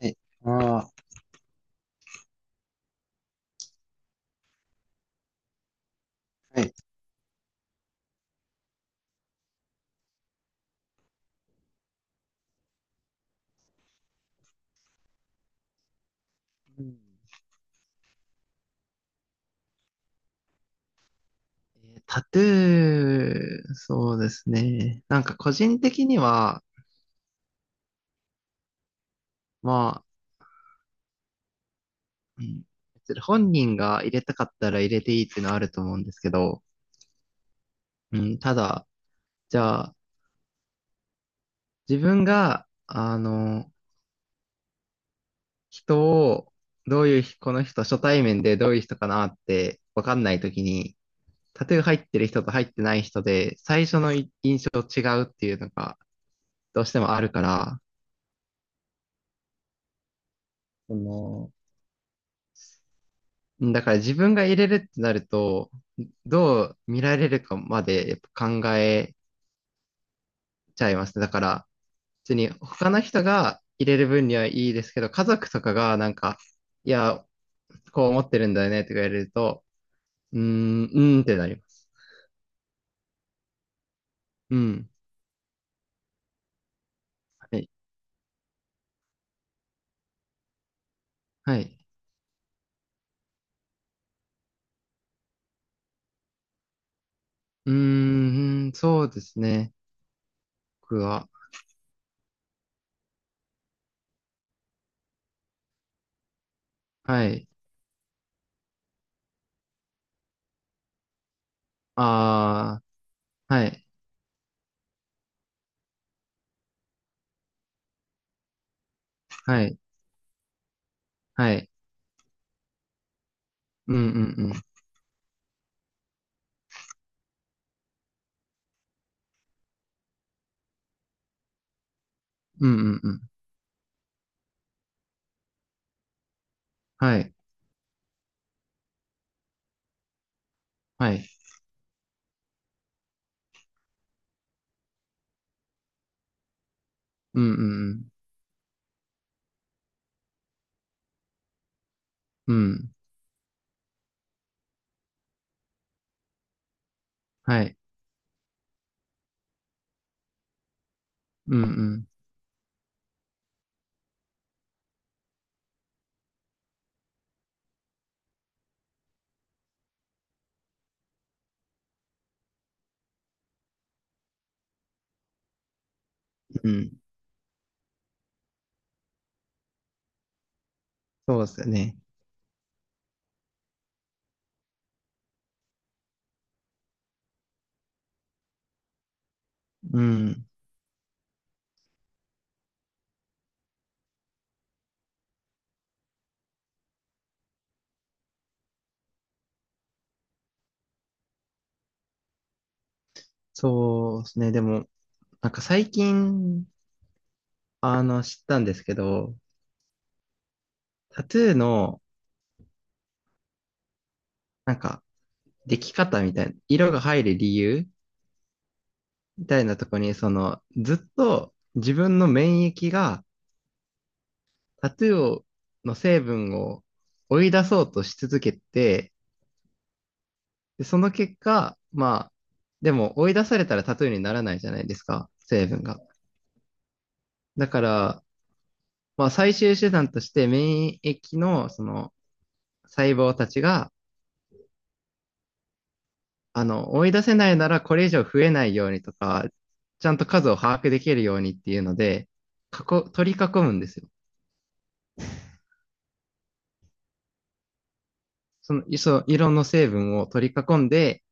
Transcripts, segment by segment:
はい。ああ、はい。うん、タトゥー、そうですね。なんか個人的には、まあ、うん、別に本人が入れたかったら入れていいっていうのはあると思うんですけど、うん、ただ、じゃあ、自分が、人を、どういう、この人、初対面でどういう人かなって分かんないときに、タトゥー入ってる人と入ってない人で、最初のい印象違うっていうのが、どうしてもあるから、そのだから自分が入れるってなると、どう見られるかまでやっぱ考えちゃいますね。だから、普通に他の人が入れる分にはいいですけど、家族とかがなんか、いや、こう思ってるんだよねとか言われると、うーん、うーんってなります。うん。はい。はい。うーん、そうですね。僕は。はい。ああ、はい。はい。はい。うんうんうん。うんうんうん。はい。はい。うんうんうん。うん。はい。うんうん。うん。そうですよね。うん。そうですね。でも、なんか最近、知ったんですけど、タトゥーの、なんか、でき方みたいな、色が入る理由みたいなとこに、ずっと自分の免疫がタトゥーをの成分を追い出そうとし続けて、で、その結果、まあ、でも追い出されたらタトゥーにならないじゃないですか、成分が。だから、まあ、最終手段として免疫の、細胞たちが、追い出せないならこれ以上増えないようにとか、ちゃんと数を把握できるようにっていうので、取り囲むんですよ。その色の成分を取り囲んで、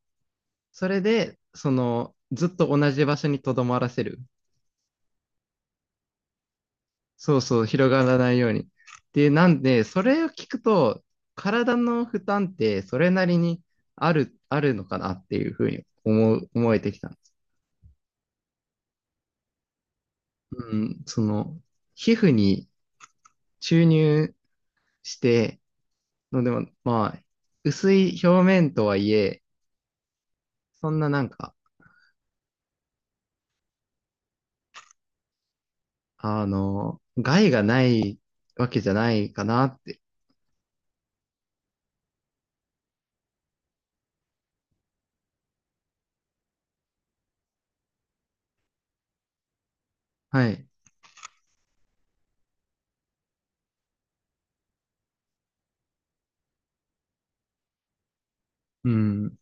それで、ずっと同じ場所に留まらせる。そうそう、広がらないように。で、なんで、それを聞くと、体の負担ってそれなりにあるのかなっていうふうに思えてきたんです。うん、皮膚に注入して、のでも、まあ、薄い表面とはいえ、そんななんか、害がないわけじゃないかなって。はい。うん。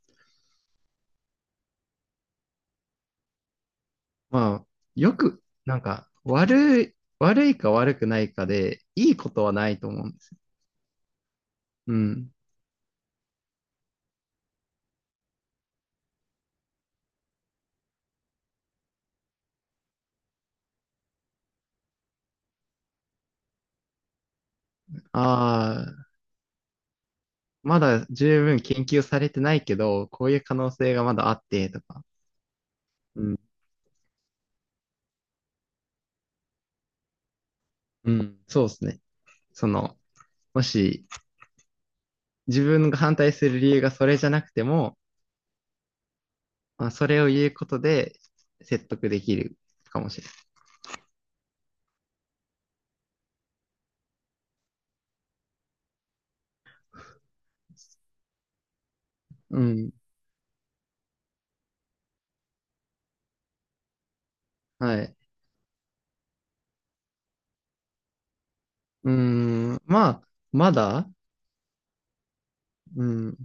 まあ、よく、なんか、悪いか悪くないかで、いいことはないと思うんですよ。うん。ああ、まだ十分研究されてないけど、こういう可能性がまだあって、とか。うん。うん。そうですね。その、もし、自分が反対する理由がそれじゃなくても、まあ、それを言うことで説得できるかもしれない。うん。はい。うーん。まあ、まだ、うん。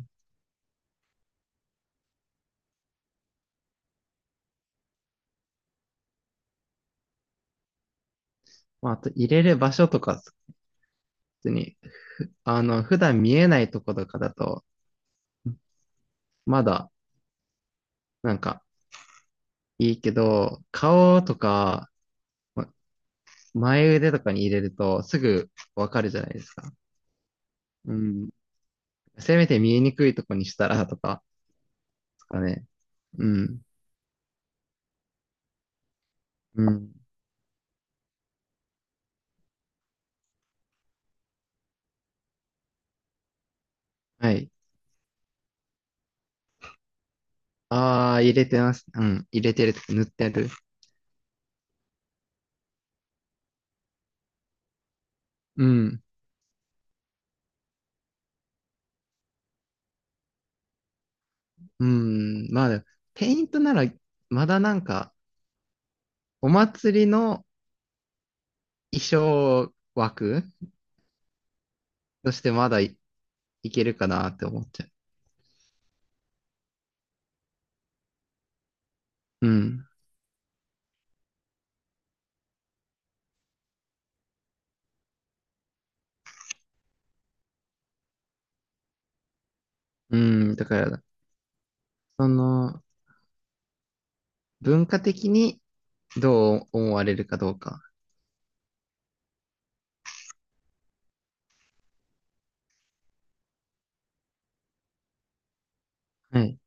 まあ、あと入れる場所とか、普通に、普段見えないとことかだと、まだ、なんか、いいけど、顔とか、ま前腕とかに入れると、すぐわかるじゃないですか。うん。せめて見えにくいとこにしたら、とか、ですかね。うん。うん。はい。ああ、入れてます。うん。入れてるとか。塗ってる。うん。うん、まあ、ペイントなら、まだなんか、お祭りの衣装枠としてまだいけるかなって思っちゃう。うん。うん、だから、その、文化的にどう思われるかどうか。はい。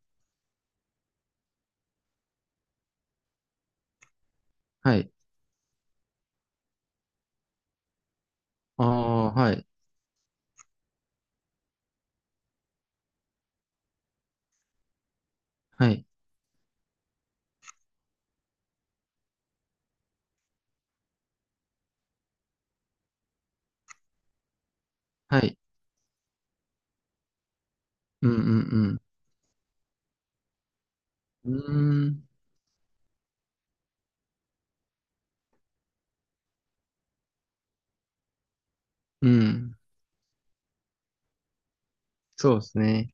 はい。ああ、はい。はい。はい。うんうんうん。うーん。うん。そうですね。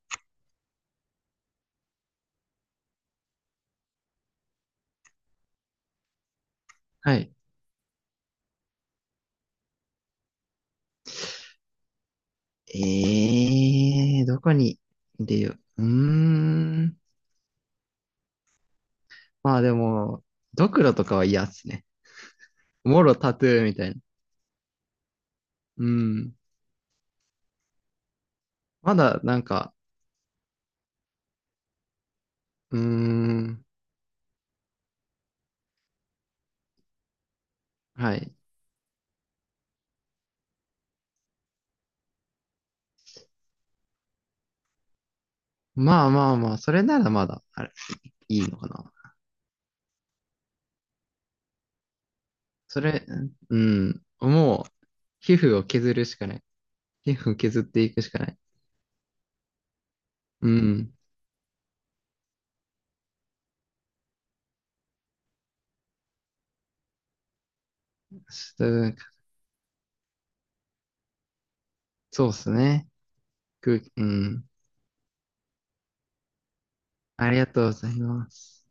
はい。ええー、どこに出よう。うーん。まあでも、ドクロとかは嫌っすね。もろタトゥーみたいな。うん。まだなんか、うーん。はい。まあまあまあ、それならまだ、あれ、いいのかな。それ、うん。もう、皮膚を削るしかない。皮膚を削っていくしかない。うん。ちょっとそうっすね。うん。ありがとうございます。